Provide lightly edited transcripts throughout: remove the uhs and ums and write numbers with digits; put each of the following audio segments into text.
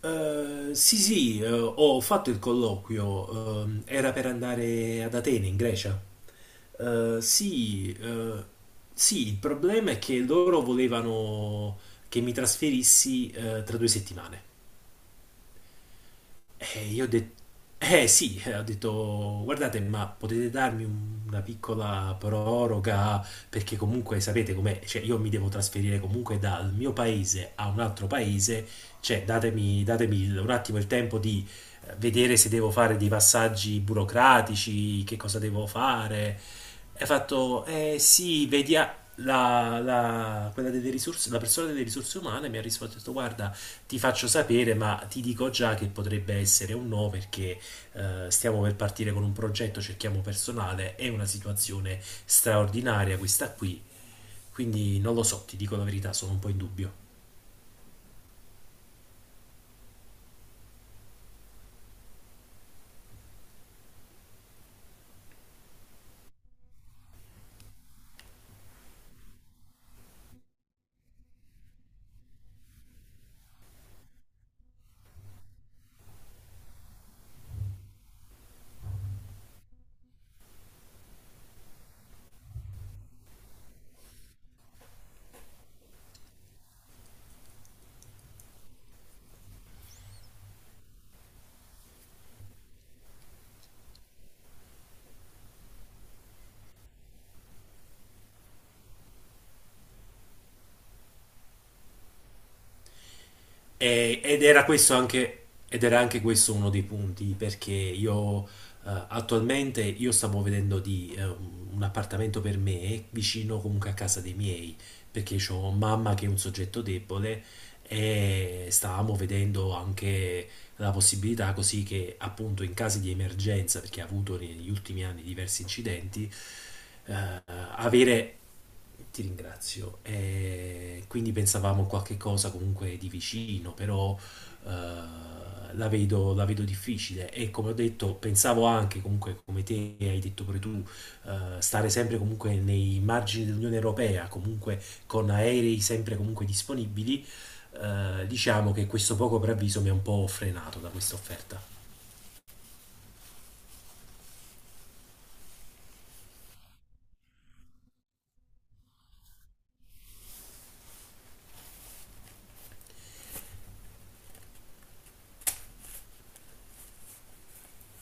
Sì, ho fatto il colloquio, era per andare ad Atene, in Grecia. Eh, sì, eh, sì, il problema è che loro volevano che mi trasferissi, tra 2 settimane. E io ho detto, sì, ho detto, guardate, ma potete darmi una piccola proroga? Perché comunque sapete com'è, cioè io mi devo trasferire comunque dal mio paese a un altro paese, cioè datemi un attimo il tempo di vedere se devo fare dei passaggi burocratici, che cosa devo fare. E ha fatto, eh sì, vedi, ah, quella delle risorse, la persona delle risorse umane mi ha risposto, ha detto, guarda, ti faccio sapere, ma ti dico già che potrebbe essere un no perché stiamo per partire con un progetto, cerchiamo personale, è una situazione straordinaria questa qui, quindi non lo so, ti dico la verità, sono un po' in dubbio. Ed era questo anche, ed era anche questo uno dei punti perché io attualmente io stavo vedendo di un appartamento per me vicino comunque a casa dei miei, perché ho mamma che è un soggetto debole e stavamo vedendo anche la possibilità così che appunto in caso di emergenza, perché ha avuto negli ultimi anni diversi incidenti, eh, avere ti ringrazio. Quindi pensavamo qualche cosa comunque di vicino, però eh, la vedo difficile. E come ho detto, pensavo anche comunque, come te hai detto pure tu, stare sempre comunque nei margini dell'Unione Europea, comunque con aerei sempre comunque disponibili. Diciamo che questo poco preavviso mi ha un po' frenato da questa offerta.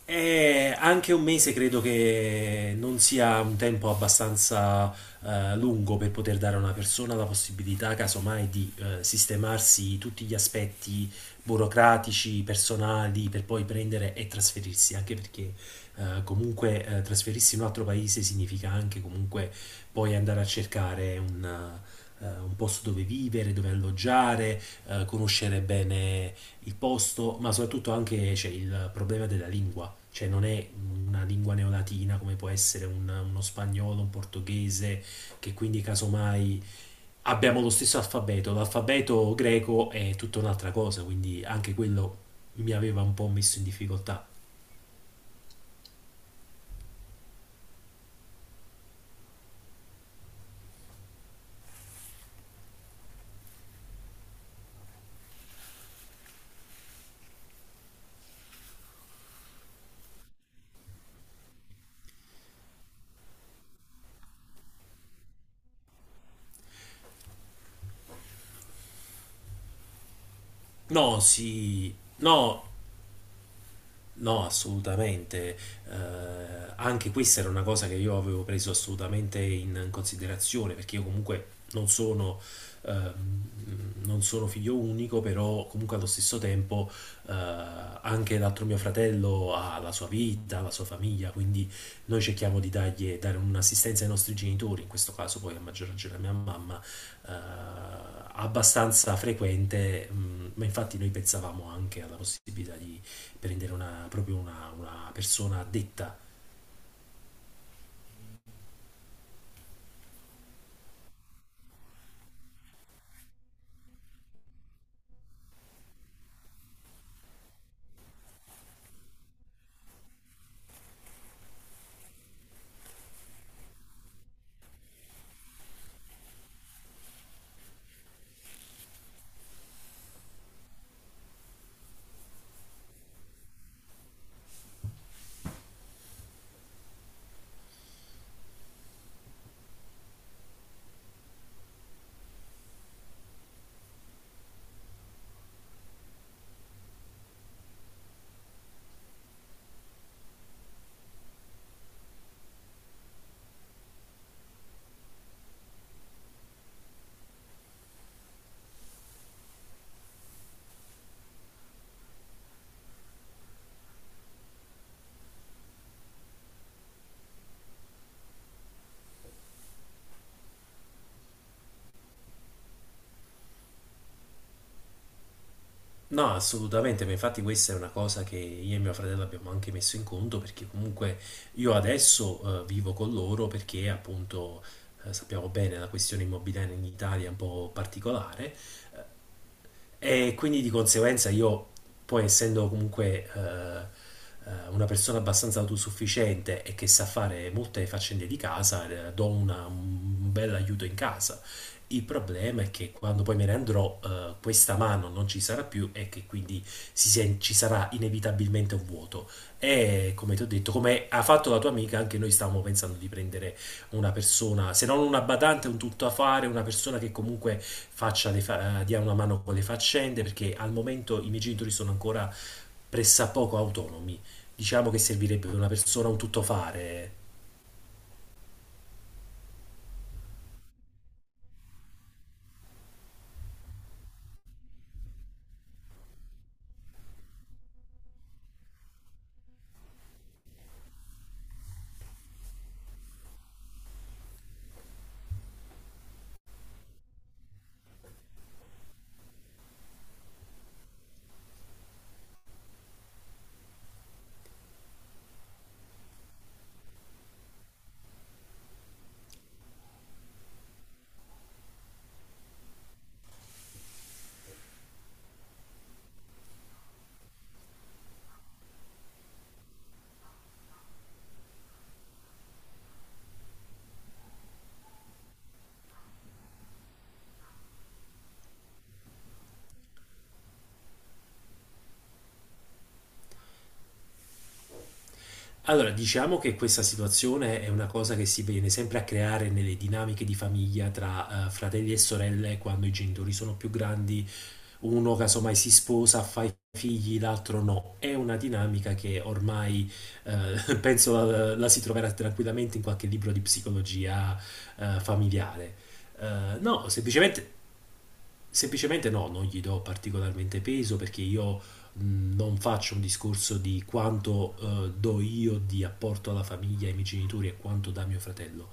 Anche un mese credo che non sia un tempo abbastanza lungo per poter dare a una persona la possibilità, casomai, di sistemarsi tutti gli aspetti burocratici, personali, per poi prendere e trasferirsi, anche perché comunque trasferirsi in un altro paese significa anche comunque poi andare a cercare un posto dove vivere, dove alloggiare, conoscere bene il posto, ma soprattutto anche c'è il problema della lingua, cioè non è una lingua neolatina come può essere uno spagnolo, un portoghese, che quindi casomai abbiamo lo stesso alfabeto, l'alfabeto greco è tutta un'altra cosa, quindi anche quello mi aveva un po' messo in difficoltà. No, sì, no, no, assolutamente. Eh, Anche questa era una cosa che io avevo preso assolutamente in considerazione, perché io comunque non sono figlio unico, però comunque allo stesso tempo eh, anche l'altro mio fratello ha la sua vita, la sua famiglia, quindi noi cerchiamo di dare un'assistenza ai nostri genitori, in questo caso poi a maggior ragione a mia mamma, eh, abbastanza frequente, mm, ma infatti noi pensavamo anche alla possibilità di prendere una persona addetta. No, assolutamente, ma infatti questa è una cosa che io e mio fratello abbiamo anche messo in conto perché comunque io adesso vivo con loro perché appunto sappiamo bene la questione immobiliare in Italia è un po' particolare. eh, E quindi di conseguenza io, poi essendo comunque una persona abbastanza autosufficiente e che sa fare molte faccende di casa, do un bel aiuto in casa. Il problema è che quando poi me ne andrò, questa mano non ci sarà più e che quindi ci sarà inevitabilmente un vuoto. E come ti ho detto, come ha fatto la tua amica, anche noi stavamo pensando di prendere una persona, se non una badante, un tuttofare, una persona che comunque dia una mano con le faccende, perché al momento i miei genitori sono ancora pressappoco autonomi. Diciamo che servirebbe una persona, un tuttofare. Allora, diciamo che questa situazione è una cosa che si viene sempre a creare nelle dinamiche di famiglia tra fratelli e sorelle quando i genitori sono più grandi, uno casomai si sposa, fa i figli, l'altro no. È una dinamica che ormai penso la si troverà tranquillamente in qualche libro di psicologia familiare. Eh, no, semplicemente Semplicemente no, non gli do particolarmente peso perché io non faccio un discorso di quanto do io di apporto alla famiglia, ai miei genitori e quanto dà mio fratello.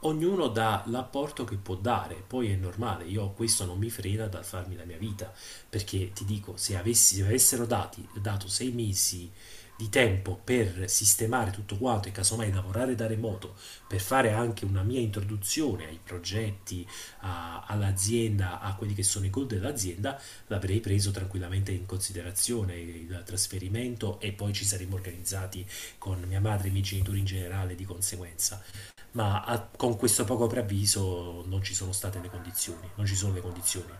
Ognuno dà l'apporto che può dare, poi è normale, io questo non mi frena dal farmi la mia vita, perché ti dico, se avessero dato 6 mesi di tempo per sistemare tutto quanto e casomai lavorare da remoto, per fare anche una mia introduzione ai progetti, all'azienda, a quelli che sono i goal dell'azienda, l'avrei preso tranquillamente in considerazione il trasferimento e poi ci saremmo organizzati con mia madre e i miei genitori in generale di conseguenza. Ma con questo poco preavviso non ci sono state le condizioni, non ci sono le condizioni.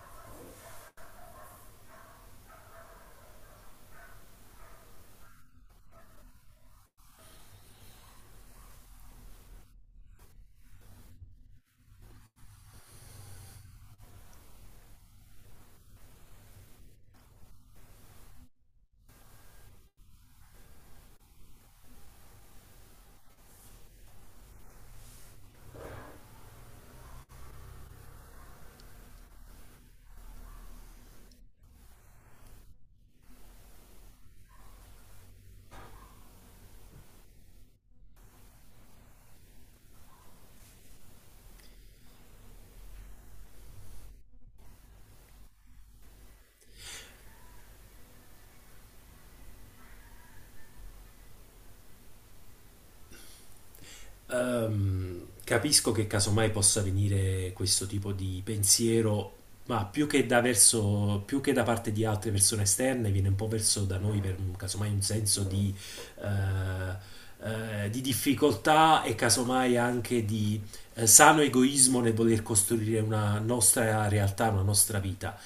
Capisco che casomai possa venire questo tipo di pensiero, ma più che da parte di altre persone esterne, viene un po' verso da noi per casomai un senso eh, di difficoltà e casomai anche di sano egoismo nel voler costruire una nostra realtà, una nostra vita.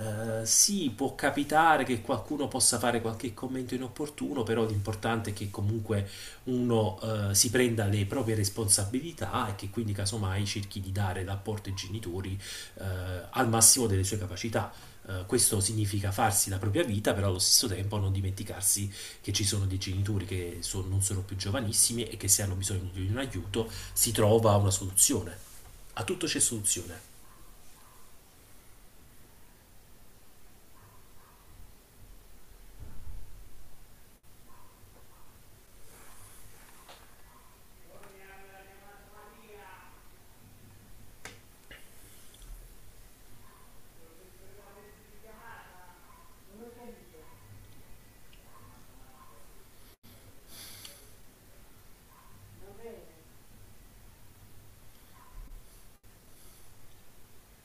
Sì, può capitare che qualcuno possa fare qualche commento inopportuno, però l'importante è che comunque uno si prenda le proprie responsabilità e che quindi casomai cerchi di dare l'apporto ai genitori eh, al massimo delle sue capacità. Questo significa farsi la propria vita, però allo stesso tempo non dimenticarsi che ci sono dei genitori che non sono più giovanissimi e che se hanno bisogno di un aiuto si trova una soluzione. A tutto c'è soluzione.